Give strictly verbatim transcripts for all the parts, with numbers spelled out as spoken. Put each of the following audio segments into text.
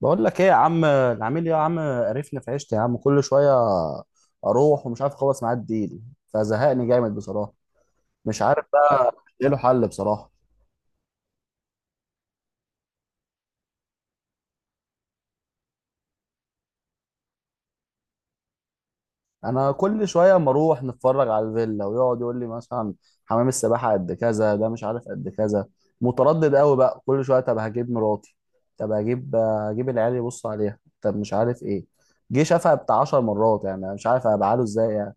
بقول لك ايه يا عم، العميل يا عم قرفني في عيشتي يا عم كل شويه. اروح ومش عارف اخلص معاه الديل، فزهقني جامد بصراحه. مش عارف بقى ايه له حل بصراحه. انا كل شويه اما اروح نتفرج على الفيلا ويقعد يقول لي مثلا حمام السباحه قد كذا، ده مش عارف قد كذا. متردد قوي بقى كل شويه، طب هجيب مراتي، طب هجيب هجيب العيال يبص عليها، طب مش عارف ايه. جه شافها بتاع 10 مرات يعني، أنا مش عارف ابعاله ازاي يعني.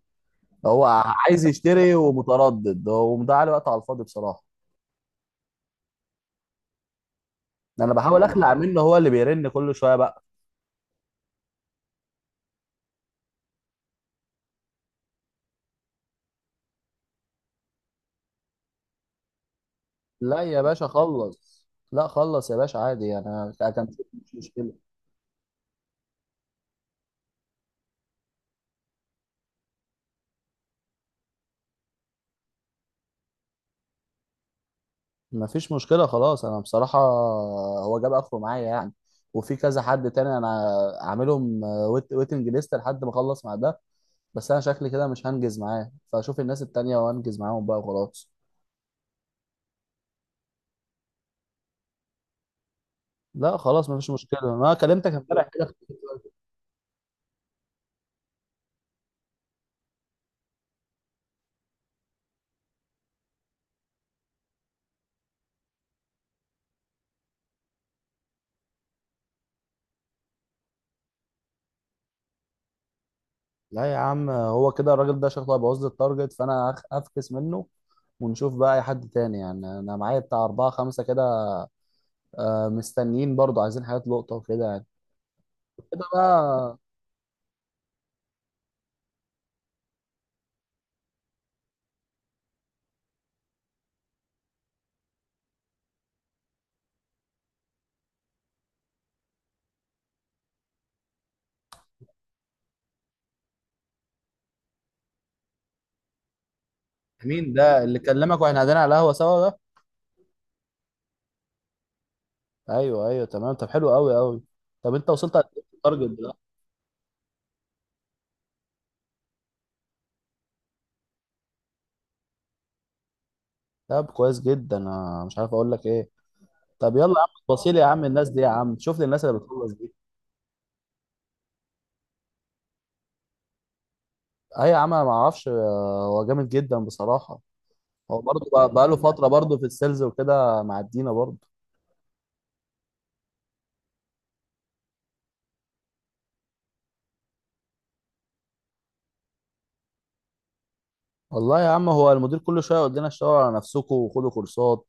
هو عايز يشتري ومتردد ومضيع عليه وقت على الفاضي بصراحه. ده انا بحاول اخلع منه، هو اللي بيرن كل شويه بقى. لا يا باشا خلص. لا خلص يا باشا عادي يعني. انا كان. مش مشكله. مفيش مشكله خلاص، انا بصراحه هو جاب اخره معايا يعني. وفي كذا حد تاني، انا عاملهم ويت ويتنج ليست لحد ما اخلص مع ده. بس انا شكلي كده مش هنجز معاه، فاشوف الناس التانيه وانجز معاهم بقى وخلاص. لا خلاص مفيش مشكله، انا كلمتك امبارح كده. لا يا عم، هو كده الراجل ده شكله هيبوظ لي التارجت، فانا هخ- هفكس منه، ونشوف بقى اي حد تاني يعني. انا معايا بتاع اربعة خمسة كده، آه، مستنيين برضو عايزين حاجات لقطة وكده يعني. كده بقى. مين ده اللي كلمك واحنا قاعدين على القهوة سوا ده؟ ايوه ايوه تمام، طب حلو قوي قوي. طب انت وصلت قد ايه في التارجت ده؟ طب كويس جدا، انا مش عارف اقول لك ايه. طب يلا يا عم، بصيلي يا عم الناس دي يا عم، شوف لي الناس اللي بتخلص دي. اي يا عم انا ما اعرفش، آه، هو جامد جدا بصراحة. هو برضه بقى بقاله فترة برضه في السيلز وكده، معدينا برضه. والله يا عم، هو المدير كل شوية يقول لنا اشتغلوا على نفسكم وخدوا كورسات.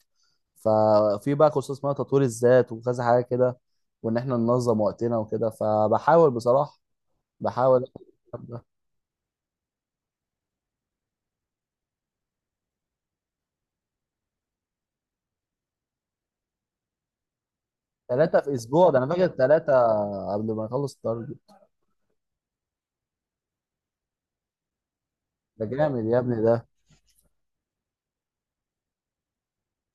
ففي بقى كورسات اسمها تطوير الذات وكذا حاجة كده، وإن إحنا ننظم وقتنا وكده، فبحاول بصراحة، بحاول. ثلاثة في أسبوع، ده أنا فاكر ثلاثة قبل ما نخلص التارجت. ده جامد يا ابني ده.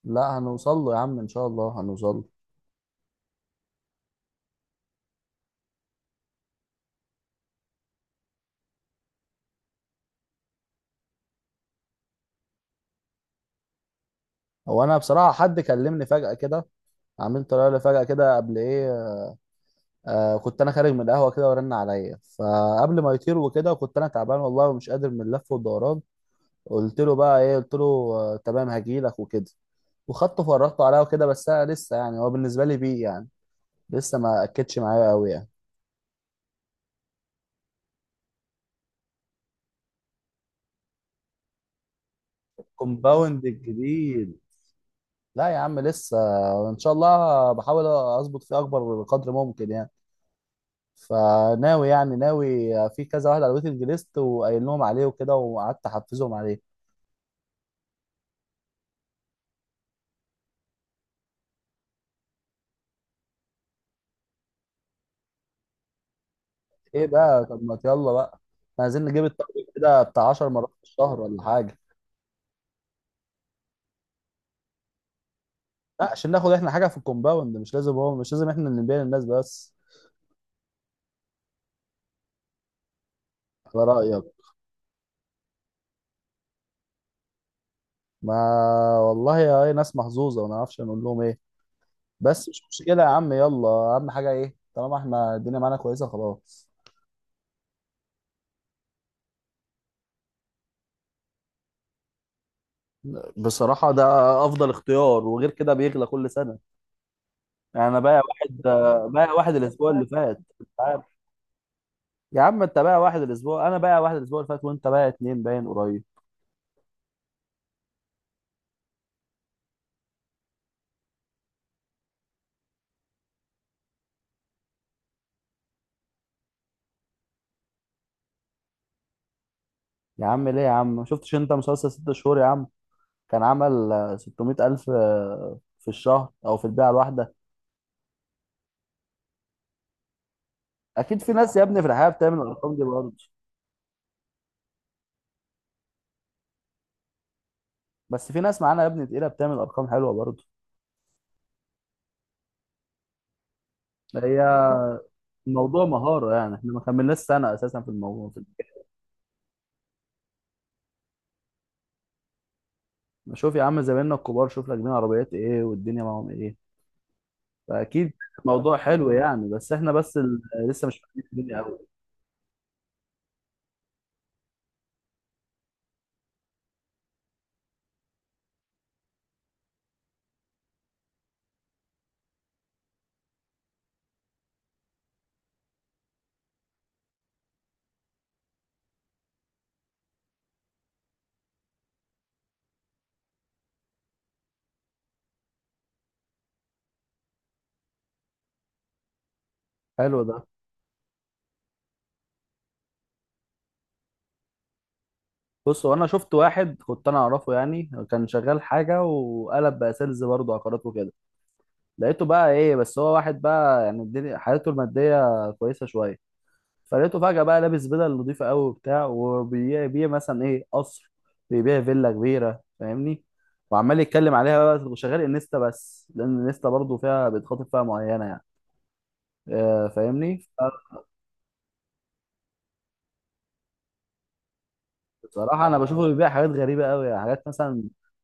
لا هنوصل له يا عم، إن شاء الله هنوصل له. هو أنا بصراحة حد كلمني فجأة كده، عملت طلع لي فجأة كده قبل إيه. آه، كنت انا خارج من القهوه كده ورن عليا، فقبل ما يطير وكده كنت انا تعبان والله ومش قادر من اللف والدوران. قلت له بقى ايه، قلت له آه تمام هجيلك وكده، وخدته فرجته عليا وكده. بس انا لسه يعني هو بالنسبه لي بيه يعني، لسه ما اكدش معايا قوي يعني. كومباوند الجديد؟ لا يا عم لسه، ان شاء الله بحاول اظبط فيه اكبر قدر ممكن يعني. فناوي يعني ناوي في كذا واحد على الويتنج ليست، وقايل لهم عليه وكده، وقعدت احفزهم عليه. ايه بقى طب، ما يلا بقى. إحنا عايزين نجيب التارجت كده بتاع 10 مرات في الشهر ولا حاجه. لا، عشان ناخد احنا حاجه في الكومباوند، مش لازم هو، مش لازم احنا اللي نبيع للناس بس. على رايك. ما والله يا ايه، ناس محظوظه ما نعرفش نقول لهم ايه. بس مش مشكله يا عم يلا، اهم حاجه ايه طالما احنا الدنيا معانا كويسه، خلاص. بصراحة ده أفضل اختيار، وغير كده بيغلى كل سنة. يعني أنا بايع واحد، بايع واحد الأسبوع اللي فات أنت عارف. يا عم أنت بايع واحد الأسبوع، أنا بايع واحد الأسبوع اللي فات، وأنت بايع اتنين باين قريب. يا عم ليه يا عم، ما شفتش انت مسلسل ست شهور يا عم؟ كان عمل آه، 600 ألف آه، في الشهر أو في البيعة الواحدة. أكيد في ناس يا ابني في الحياة بتعمل الأرقام دي برضه. بس في ناس معانا يا ابني تقيلة بتعمل أرقام حلوة برضه. هي الموضوع مهارة يعني، احنا ما كملناش سنة أساسا في الموضوع. ده شوف يا عم زمايلنا الكبار، شوف راكبين عربيات إيه والدنيا معاهم إيه، فأكيد الموضوع حلو يعني، بس احنا بس ال- لسه مش فاهمين الدنيا أوي. حلو ده. بص، هو انا شفت واحد كنت انا اعرفه يعني، كان شغال حاجه وقلب بقى سيلز برضه عقارات وكده. لقيته بقى ايه، بس هو واحد بقى يعني الدنيا حالته الماديه كويسه شويه. فلقيته فجاه بقى لابس بدل نظيفه قوي وبتاع، وبيبيع مثلا ايه قصر، بيبيع فيلا كبيره فاهمني، وعمال يتكلم عليها بقى، وشغال انستا. بس لان الانستا برضه فيها بيتخاطب فيها معينه يعني، آه، فاهمني. بصراحه انا بشوفه بيبيع حاجات غريبه قوي يعني، حاجات مثلا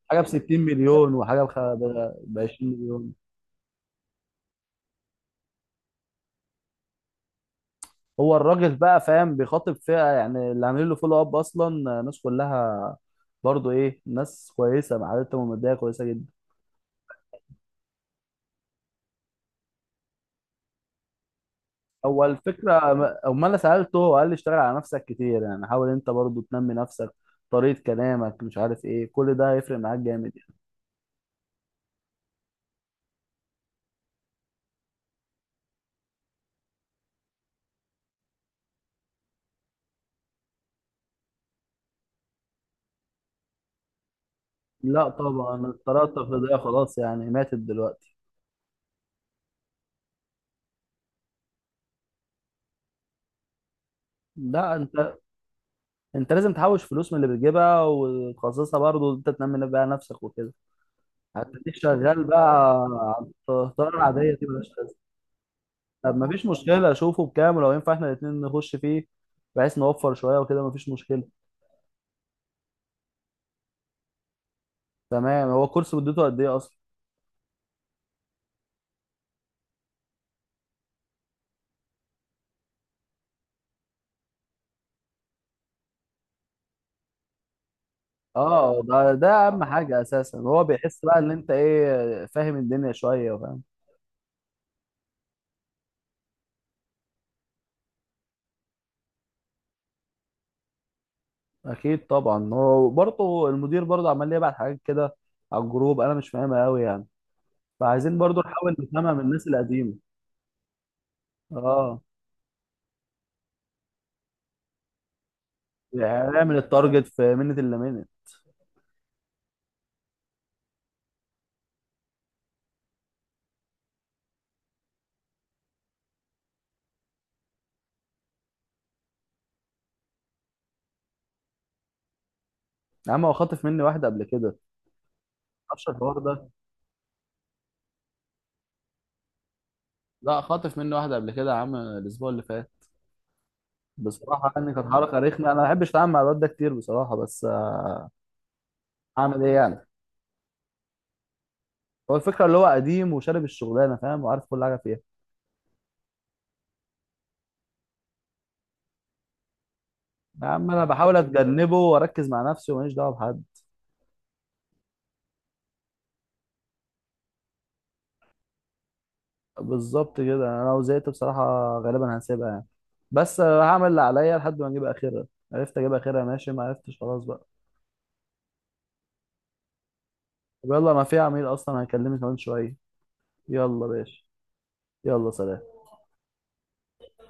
حاجه ب 60 مليون وحاجه ب 20 مليون. هو الراجل بقى فاهم، بيخاطب فئة يعني اللي عاملين له فولو اب اصلا، آه، ناس كلها برضو ايه ناس كويسة معادتهم المادية كويسة جدا. هو الفكرة، أما أنا سألته هو قال لي اشتغل على نفسك كتير يعني، حاول أنت برضو تنمي نفسك، طريقة كلامك، مش عارف إيه، كل ده هيفرق معاك جامد يعني. لا طبعا الطريقة التقليدية خلاص يعني ماتت دلوقتي. لا أنت، أنت لازم تحوش فلوس من اللي بتجيبها وتخصصها، برضو أنت تنمي بقى نفسك وكده، هتديك شغال بقى. على الطريقة العادية دي ملهاش لازمة. طب مفيش مشكلة، أشوفه بكام ولو ينفع إحنا الاتنين نخش فيه، بحيث نوفر شوية وكده، مفيش مشكلة. تمام، هو الكورس مدته قد إيه أصلا؟ أه، ده ده أهم حاجة أساسا. هو بيحس بقى إن أنت إيه، فاهم الدنيا شوية، فاهم أكيد طبعا. هو برضه المدير برضه عمال يبعت حاجات كده على الجروب، أنا مش فاهمها أوي يعني، فعايزين برضه نحاول نفهمها من الناس القديمة. أه، يعني نعمل التارجت في منة إلا منة. يا عم هو خاطف مني واحدة قبل كده، معرفش الحوار ده. لا خاطف مني واحدة قبل كده يا عم، الأسبوع اللي فات. بصراحه يعني كان حركه رخمه، انا ما بحبش اتعامل مع الواد ده كتير بصراحه، بس آه، اعمل ايه يعني. هو الفكره اللي هو قديم وشارب الشغلانه، فاهم وعارف كل حاجه فيها. يا عم انا بحاول اتجنبه واركز مع نفسي وماليش دعوه بحد. بالظبط كده، انا لو زهقت بصراحه غالبا هسيبها يعني، بس آه، هعمل اللي عليا لحد ما اجيب اخرها. عرفت اجيب اخرها ماشي، ما عرفتش خلاص بقى. طب يلا، ما في عميل اصلا هيكلمني كمان شويه، يلا باشا. يلا سلام.